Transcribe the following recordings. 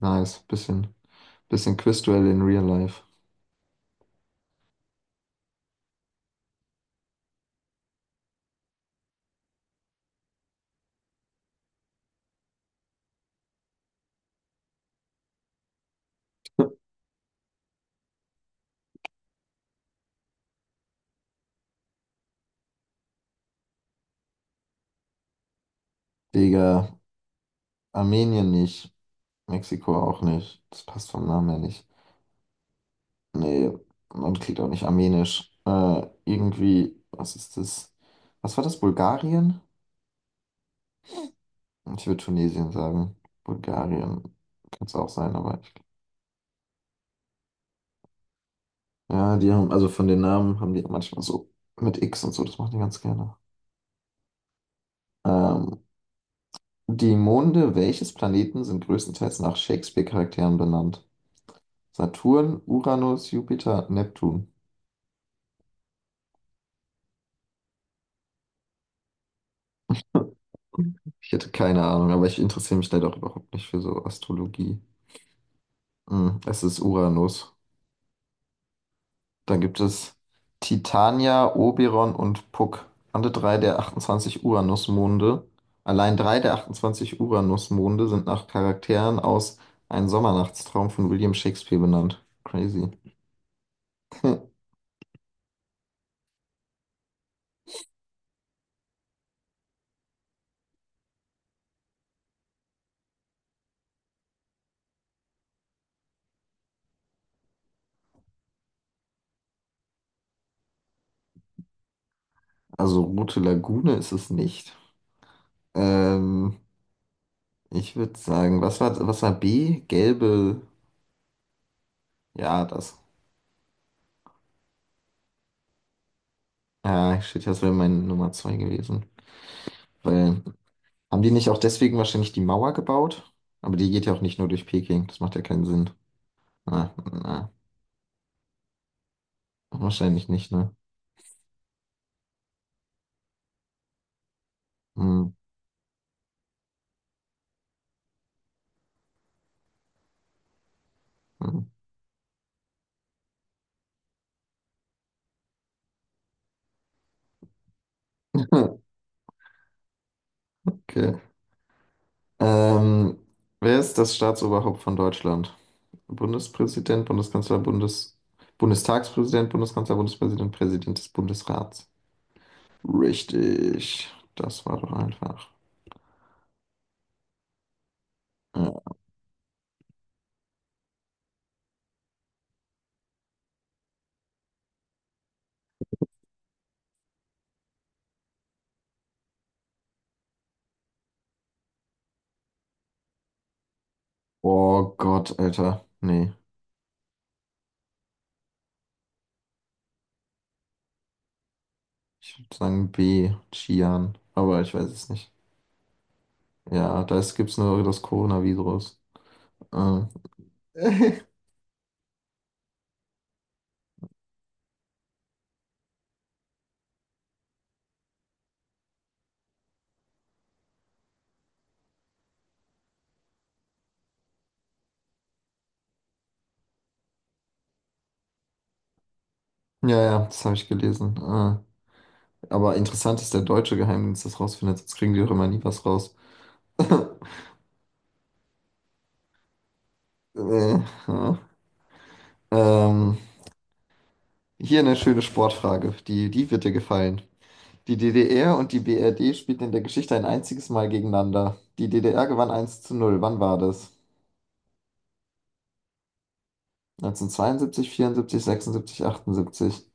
Nice. Bisschen Quizduell in Real Life. Digga, Armenien nicht. Mexiko auch nicht. Das passt vom Namen her nicht. Nee, man klingt auch nicht armenisch. Irgendwie, was ist das? Was war das? Bulgarien? Ich würde Tunesien sagen. Bulgarien kann es auch sein, aber ich, ja, die haben, also von den Namen haben die manchmal so mit X und so, das machen die ganz gerne. Ähm, Die Monde welches Planeten sind größtenteils nach Shakespeare-Charakteren benannt? Saturn, Uranus, Jupiter, Neptun. Ich hätte keine Ahnung, aber ich interessiere mich leider auch überhaupt nicht für so Astrologie. Hm, es ist Uranus. Dann gibt es Titania, Oberon und Puck. Alle drei der 28 Uranusmonde. Allein drei der 28 Uranusmonde sind nach Charakteren aus Ein Sommernachtstraum von William Shakespeare benannt. Crazy. Also Rote Lagune ist es nicht. Ähm, Ich würde sagen, was war B? Gelbe. Ja, das. Ja, shit, das wäre meine Nummer 2 gewesen. Weil, haben die nicht auch deswegen wahrscheinlich die Mauer gebaut? Aber die geht ja auch nicht nur durch Peking. Das macht ja keinen Sinn. Na, na, wahrscheinlich nicht, ne? Hm, hm. Okay. Ähm, Wer ist das Staatsoberhaupt von Deutschland? Bundespräsident, Bundeskanzler, Bundestagspräsident, Bundeskanzler, Bundespräsident, Präsident des Bundesrats. Richtig. Das war doch einfach. Äh, Oh Gott, Alter. Nee, ich würde sagen B, Xi'an. Aber ich weiß es nicht. Ja, da gibt es nur das Coronavirus. Äh. Ja, ja, das habe ich gelesen. Aber interessant ist, der deutsche Geheimdienst das rausfindet, sonst kriegen die doch immer nie was raus. Äh, ja. Ähm, Hier eine schöne Sportfrage, die wird dir gefallen. Die DDR und die BRD spielten in der Geschichte ein einziges Mal gegeneinander. Die DDR gewann eins zu null. Wann war das? 1972, 74, 76, 78.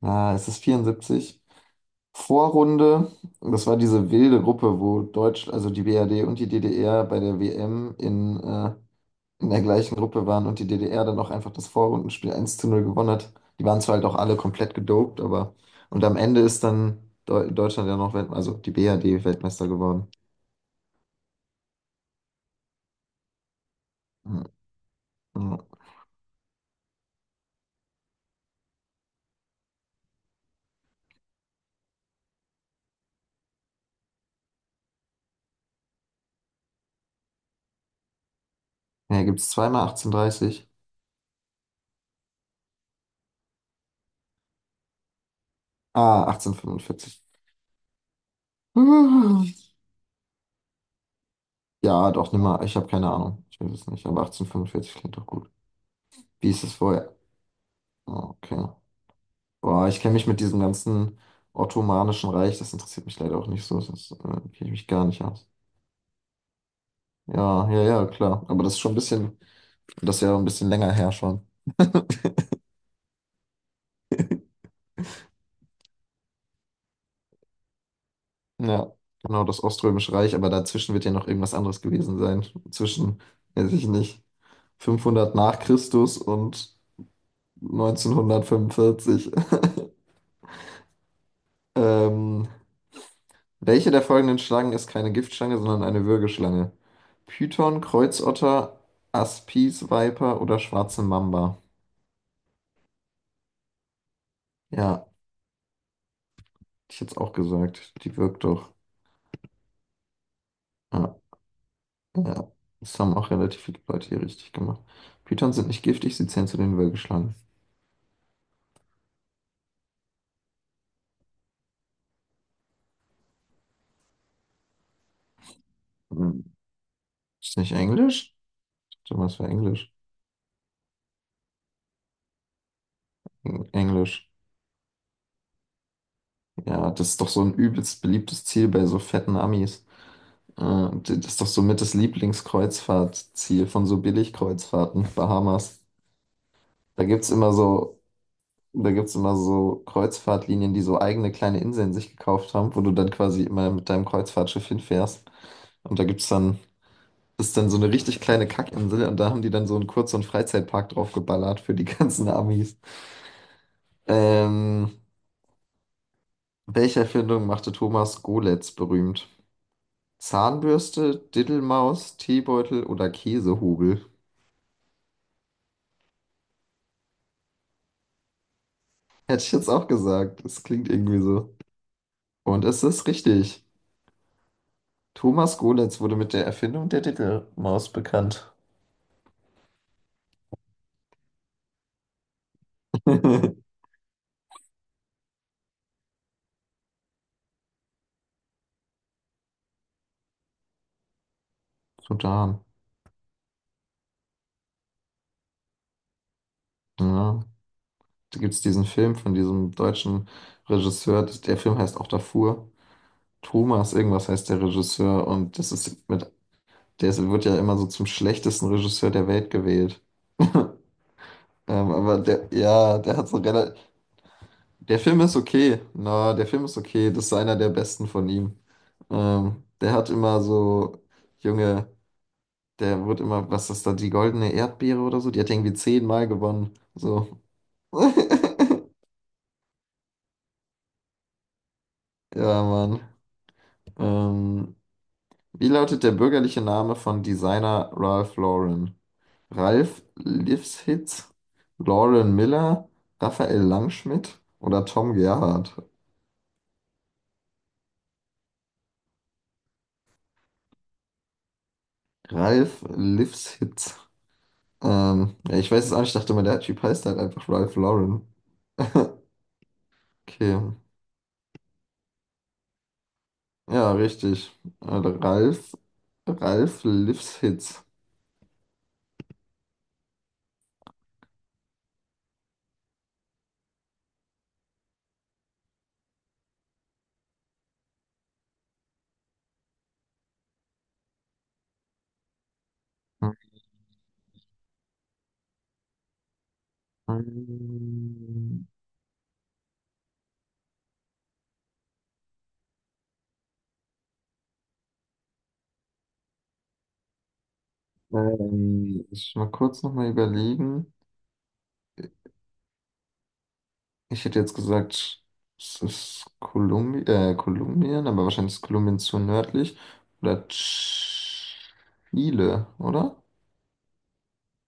Ja, es ist 74. Vorrunde, das war diese wilde Gruppe, wo Deutsch, also die BRD und die DDR bei der WM in der gleichen Gruppe waren und die DDR dann auch einfach das Vorrundenspiel 1 zu 0 gewonnen hat. Die waren zwar halt auch alle komplett gedopt, aber und am Ende ist dann Deutschland ja noch Weltmeister, also die BRD Weltmeister geworden. Ja, gibt es zweimal 1830? Ah, 1845. Ja, doch, nimm mal. Ich habe keine Ahnung. Ich weiß es nicht. Aber 1845 klingt doch gut. Wie ist es vorher? Ah, okay. Boah, ich kenne mich mit diesem ganzen Ottomanischen Reich, das interessiert mich leider auch nicht so. Das kenne ich mich gar nicht aus. Ja, ja, ja, klar. Aber das ist schon ein bisschen, das ist ja ein bisschen länger her schon. Ja, genau, das Oströmische Reich, aber dazwischen wird ja noch irgendwas anderes gewesen sein. Zwischen, weiß ich nicht, 500 nach Christus und 1945. Ähm, welche der folgenden Schlangen ist keine Giftschlange, sondern eine Würgeschlange? Python, Kreuzotter, Aspisviper oder schwarze Mamba? Ja, hätte ich jetzt auch gesagt. Die wirkt doch. Ja, ja. Das haben auch relativ viele Leute hier richtig gemacht. Pythons sind nicht giftig, sie zählen zu den Würgeschlangen. Hm. Ist nicht Englisch? Warte mal, es war Englisch. Englisch. Ja, das ist doch so ein übelst beliebtes Ziel bei so fetten Amis. Das ist doch so mit das Lieblingskreuzfahrtziel von so Billigkreuzfahrten, Bahamas. Da gibt's immer so, da gibt's immer so Kreuzfahrtlinien, die so eigene kleine Inseln sich gekauft haben, wo du dann quasi immer mit deinem Kreuzfahrtschiff hinfährst. Und da gibt's dann, ist dann so eine richtig kleine Kackinsel und da haben die dann so einen Kurz- und Freizeitpark draufgeballert für die ganzen Amis. Ähm, welche Erfindung machte Thomas Goletz berühmt? Zahnbürste, Diddelmaus, Teebeutel oder Käsehobel? Hätte ich jetzt auch gesagt. Das klingt irgendwie so. Und es ist richtig. Thomas Golitz wurde mit der Erfindung der Titelmaus bekannt. Sudan. Ja. Da gibt es diesen Film von diesem deutschen Regisseur. Der Film heißt auch Darfur. Thomas, irgendwas heißt der Regisseur. Und das ist mit, wird ja immer so zum schlechtesten Regisseur der Welt gewählt. Aber der, ja, der hat so relativ. Der Film ist okay. Na, der Film ist okay. Das ist einer der besten von ihm. Der hat immer so junge. Der wurde immer, was ist das da, die goldene Erdbeere oder so? Die hat irgendwie 10-mal gewonnen. So. Ja, Mann. Ähm, wie lautet der bürgerliche Name von Designer Ralph Lauren? Ralph Lifshitz, Lauren Miller, Raphael Langschmidt oder Tom Gerhardt? Ralph Lifshitz. Ja, ich weiß es auch nicht, ich dachte mal, der Typ heißt halt einfach Ralph Lauren. Okay. Ja, richtig. Ralph, Ralph Lifshitz. Ähm, ich mal kurz nochmal überlegen. Ich hätte jetzt gesagt, es ist Kolumbien, aber wahrscheinlich ist Kolumbien zu nördlich. Oder Chile, oder?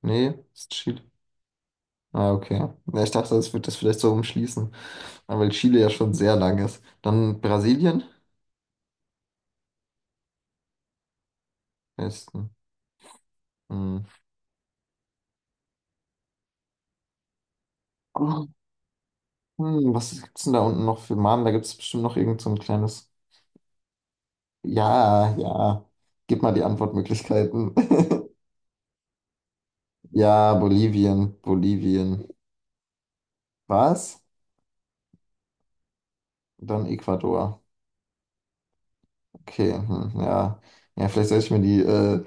Nee, ist Chile. Ah, okay. Ja, ich dachte, das wird das vielleicht so umschließen, ah, weil Chile ja schon sehr lang ist. Dann Brasilien? Westen. Hm. Hm, was gibt's denn da unten noch für Namen? Da gibt es bestimmt noch irgend so ein kleines. Ja, ja. Gib mal die Antwortmöglichkeiten. Ja, Bolivien. Was? Dann Ecuador. Okay, hm, ja. Ja, vielleicht soll ich mir die äh,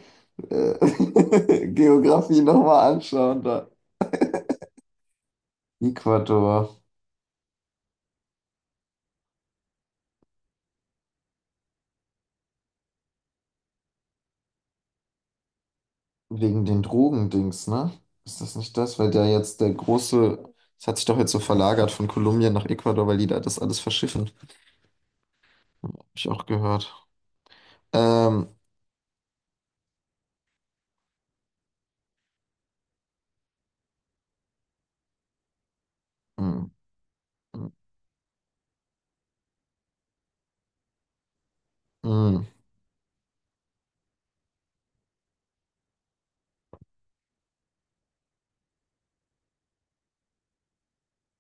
äh, Geografie nochmal anschauen. Da. Ecuador, wegen den Drogendings, ne? Ist das nicht das? Weil der jetzt der große, es hat sich doch jetzt so verlagert von Kolumbien nach Ecuador, weil die da das alles verschiffen. Hab ich auch gehört. Ähm, mm, mm, mm.